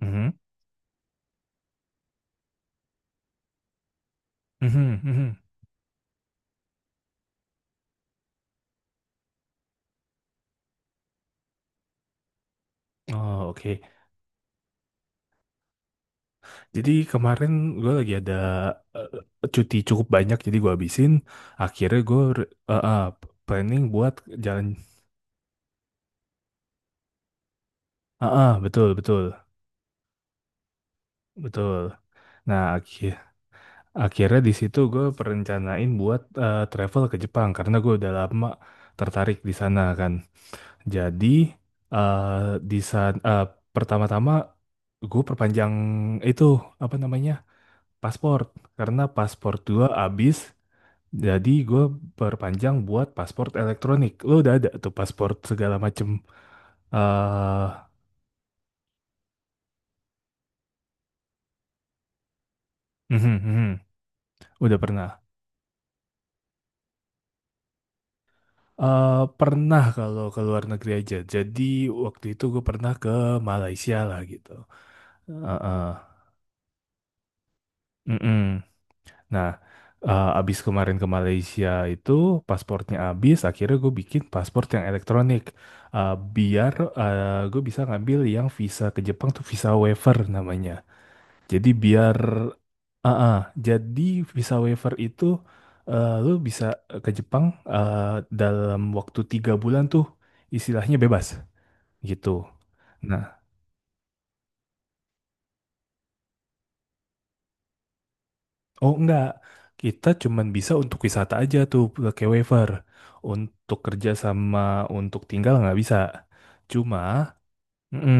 Mhm, mhm, mhm. Oh, oke. Jadi kemarin gue lagi ada eh, cuti cukup banyak, jadi gue habisin. Akhirnya gue planning buat jalan. Betul, betul, betul. Nah, akhirnya di situ gue perencanain buat travel ke Jepang karena gue udah lama tertarik di sana kan. Jadi di sana pertama-tama gue perpanjang itu apa namanya paspor karena paspor gue habis. Jadi gue perpanjang buat paspor elektronik. Lo udah ada tuh paspor segala macem. eh mhm, mhm. Udah pernah. Pernah kalau ke luar negeri aja. Jadi waktu itu gue pernah ke Malaysia lah gitu. Eh, eh, mm-mm. Nah, abis kemarin ke Malaysia itu paspornya abis. Akhirnya gue bikin paspor yang elektronik. Biar gue bisa ngambil yang visa ke Jepang tuh visa waiver namanya. Jadi biar ah ah, jadi visa waiver itu lu bisa ke Jepang eh, dalam waktu 3 bulan tuh istilahnya bebas gitu. Nah, oh enggak, kita cuman bisa untuk wisata aja tuh pakai waiver. Untuk kerja sama untuk tinggal nggak bisa. Cuma Mm-mm.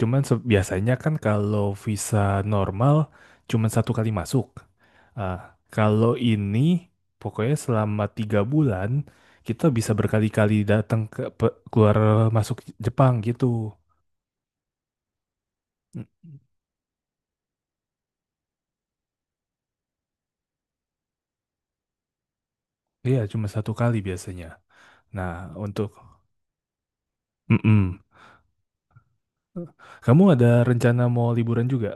Biasanya kan kalau visa normal cuman satu kali masuk. Ah, kalau ini pokoknya selama 3 bulan kita bisa berkali-kali datang ke keluar masuk Jepang gitu. Mm, iya, cuma satu kali biasanya. Nah, untuk Mm-mm. Kamu ada rencana mau liburan juga?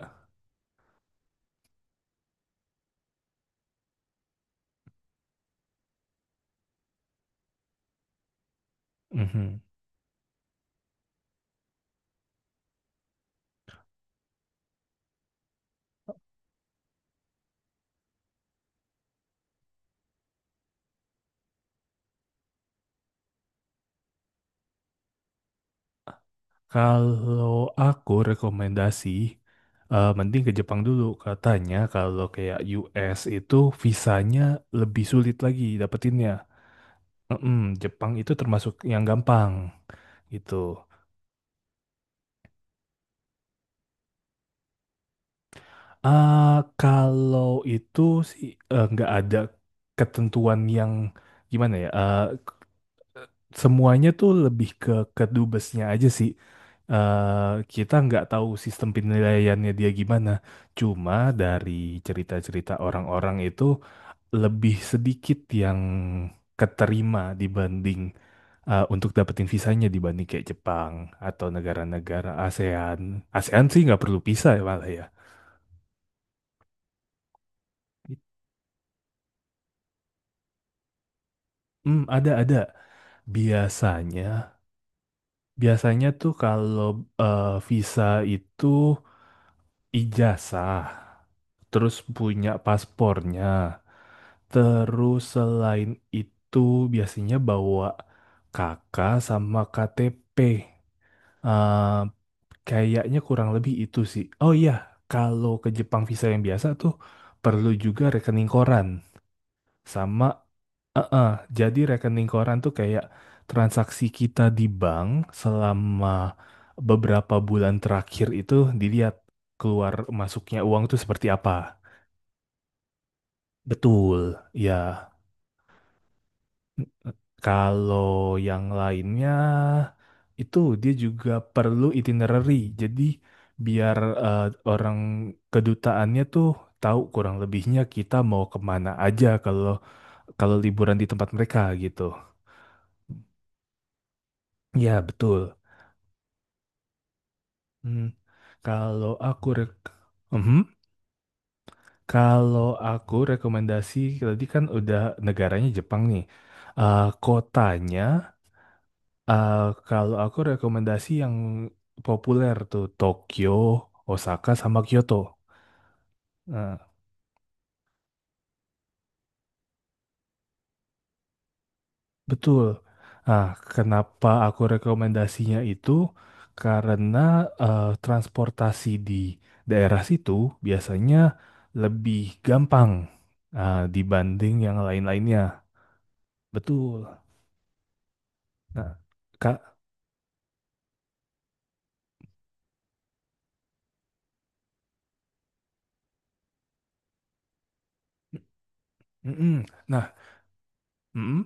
Mhm. Kalau aku rekomendasi, mending ke Jepang dulu. Katanya kalau kayak US itu visanya lebih sulit lagi dapetinnya. Mm-mm. Jepang itu termasuk yang gampang gitu. Ah, kalau itu sih nggak ada ketentuan yang gimana ya. Semuanya tuh lebih ke kedubesnya aja sih. Kita nggak tahu sistem penilaiannya dia gimana. Cuma dari cerita-cerita orang-orang itu lebih sedikit yang keterima dibanding untuk dapetin visanya dibanding kayak Jepang atau negara-negara ASEAN. ASEAN sih nggak perlu visa ya malah ya. Hmm, ada ada. Biasanya, biasanya, tuh kalau visa itu ijazah, terus punya paspornya. Terus selain itu biasanya bawa kakak sama KTP. Eh, kayaknya kurang lebih itu sih. Oh iya, kalau ke Jepang visa yang biasa tuh perlu juga rekening koran sama eh, eh, jadi rekening koran tuh kayak transaksi kita di bank selama beberapa bulan terakhir itu dilihat keluar masuknya uang tuh seperti apa. Betul, ya. Kalau yang lainnya itu dia juga perlu itinerary. Jadi biar eh, orang kedutaannya tuh tahu kurang lebihnya kita mau kemana aja kalau kalau liburan di tempat mereka gitu. Ya, betul. Hmm. Kalau aku rek Mhm. Kalau aku rekomendasi tadi kan udah negaranya Jepang nih. Eh, kotanya Eh, kalau aku rekomendasi yang populer tuh Tokyo, Osaka sama Kyoto. Nah, betul. Nah, kenapa aku rekomendasinya itu? Karena transportasi di daerah situ biasanya lebih gampang dibanding yang lain-lainnya. Betul. Nah, Kak. Mm-mm. Nah, mm-mm,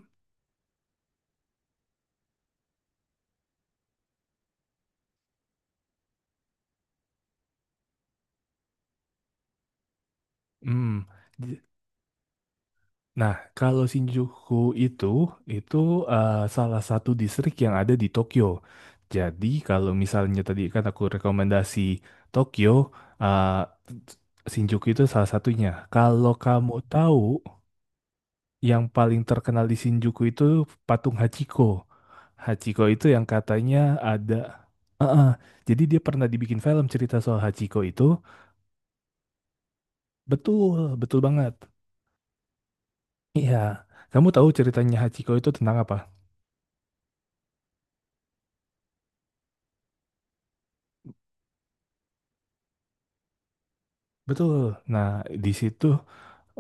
mm. Nah, kalau Shinjuku itu itu salah satu distrik yang ada di Tokyo. Jadi kalau misalnya tadi kan aku rekomendasi Tokyo, Shinjuku itu salah satunya. Kalau kamu tahu yang paling terkenal di Shinjuku itu patung Hachiko. Hachiko itu yang katanya ada. Eh, eh, Jadi dia pernah dibikin film cerita soal Hachiko itu. Betul, betul banget. Iya. Kamu tahu ceritanya Hachiko itu tentang apa? Betul. Nah, di situ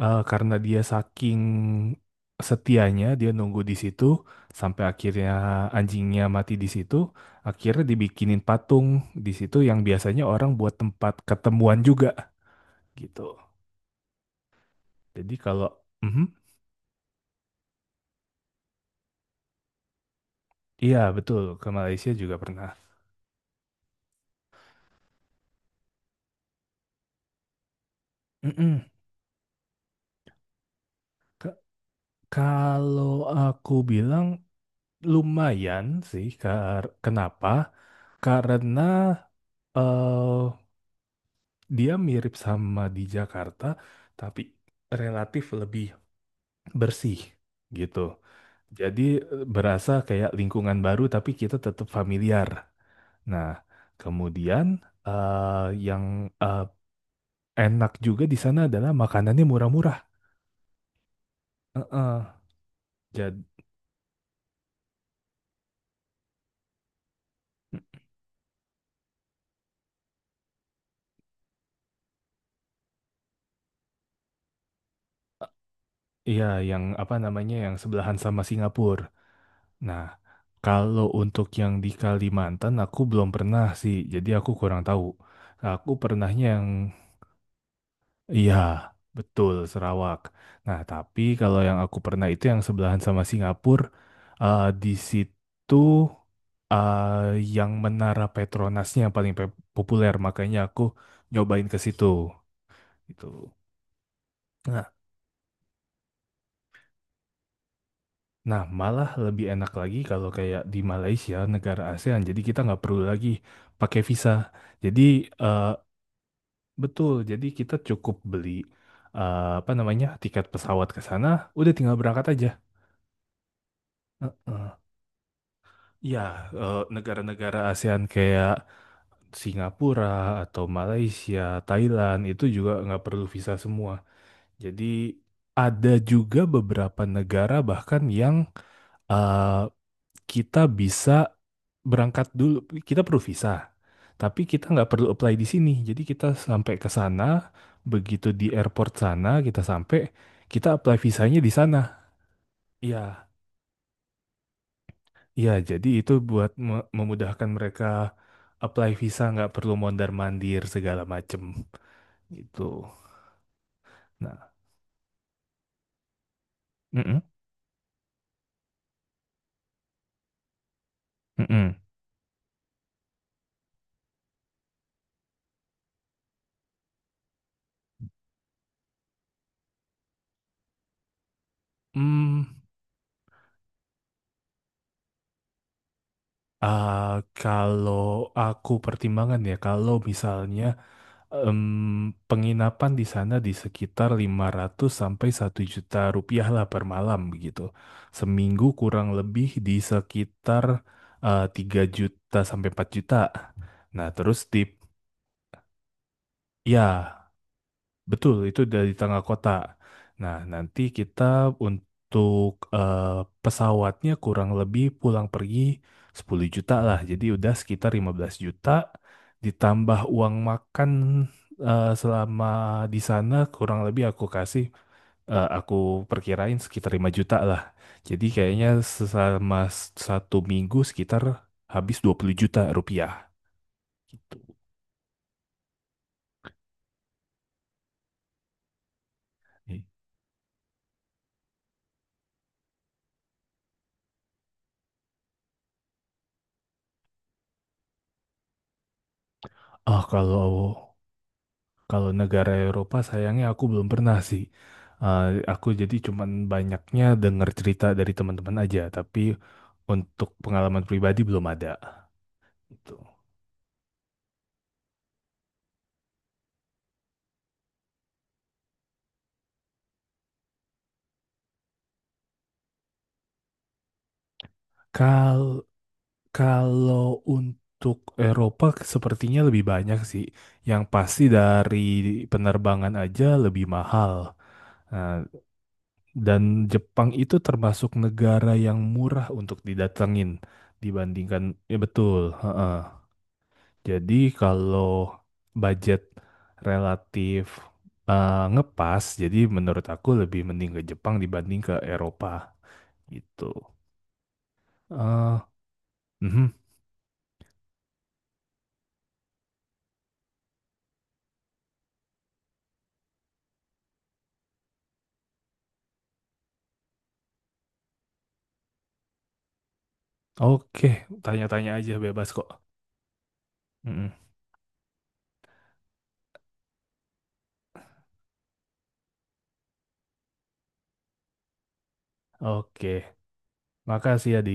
karena dia saking setianya dia nunggu di situ sampai akhirnya anjingnya mati di situ, akhirnya dibikinin patung di situ yang biasanya orang buat tempat ketemuan juga gitu. Jadi kalau Mhm. Iya, betul, ke Malaysia juga pernah. Mm-mm. Ke- Kalau aku bilang lumayan sih, kenapa? Karena eh, dia mirip sama di Jakarta, tapi relatif lebih bersih gitu. Jadi berasa kayak lingkungan baru, tapi kita tetap familiar. Nah, kemudian eh, yang eh, enak juga di sana adalah makanannya murah-murah. Heeh. Jadi, iya, yang apa namanya yang sebelahan sama Singapura. Nah, kalau untuk yang di Kalimantan aku belum pernah sih, jadi aku kurang tahu. Aku pernahnya. Iya, betul Sarawak. Nah, tapi kalau yang aku pernah itu yang sebelahan sama Singapura, di situ yang Menara Petronasnya yang paling populer, makanya aku nyobain ke situ gitu. Nah, nah, malah lebih enak lagi kalau kayak di Malaysia, negara ASEAN. Jadi kita nggak perlu lagi pakai visa. Jadi eh, betul, jadi kita cukup beli apa namanya tiket pesawat ke sana, udah tinggal berangkat aja. Heeh. Ya, negara-negara ASEAN kayak Singapura atau Malaysia, Thailand itu juga nggak perlu visa semua. Jadi ada juga beberapa negara bahkan yang eh, kita bisa berangkat dulu, kita perlu visa, tapi kita nggak perlu apply di sini. Jadi kita sampai ke sana, begitu di airport sana kita sampai, kita apply visanya di sana. Iya, iya, jadi itu buat memudahkan mereka apply visa nggak perlu mondar-mandir segala macem gitu. Nah, mm-mm, mm-mm. Hmm, ah, kalau aku pertimbangan ya, kalau misalnya em, penginapan di sana di sekitar 500 sampai 1 juta rupiah lah per malam begitu. Seminggu kurang lebih di sekitar 3 juta sampai 4 juta. Nah, ya, betul, itu dari tengah kota. Nah, nanti kita untuk eh, pesawatnya kurang lebih pulang pergi 10 juta lah. Jadi udah sekitar 15 juta ditambah uang makan selama di sana kurang lebih aku kasih aku perkirain sekitar 5 juta lah. Jadi kayaknya selama satu minggu sekitar habis 20 juta rupiah gitu. Ah, kalau Kalau negara Eropa sayangnya aku belum pernah sih. Eh, aku jadi cuman banyaknya dengar cerita dari teman-teman aja, tapi untuk pengalaman pribadi belum ada. Gitu. Kal kalau untuk Eropa sepertinya lebih banyak sih. Yang pasti dari penerbangan aja lebih mahal. Nah, dan Jepang itu termasuk negara yang murah untuk didatengin dibandingkan, ya, betul. Heeh. Jadi kalau budget relatif ngepas, jadi menurut aku lebih mending ke Jepang dibanding ke Eropa gitu. eh mhm. Oke, tanya-tanya aja bebas kok. Mhm. Oke, makasih ya di.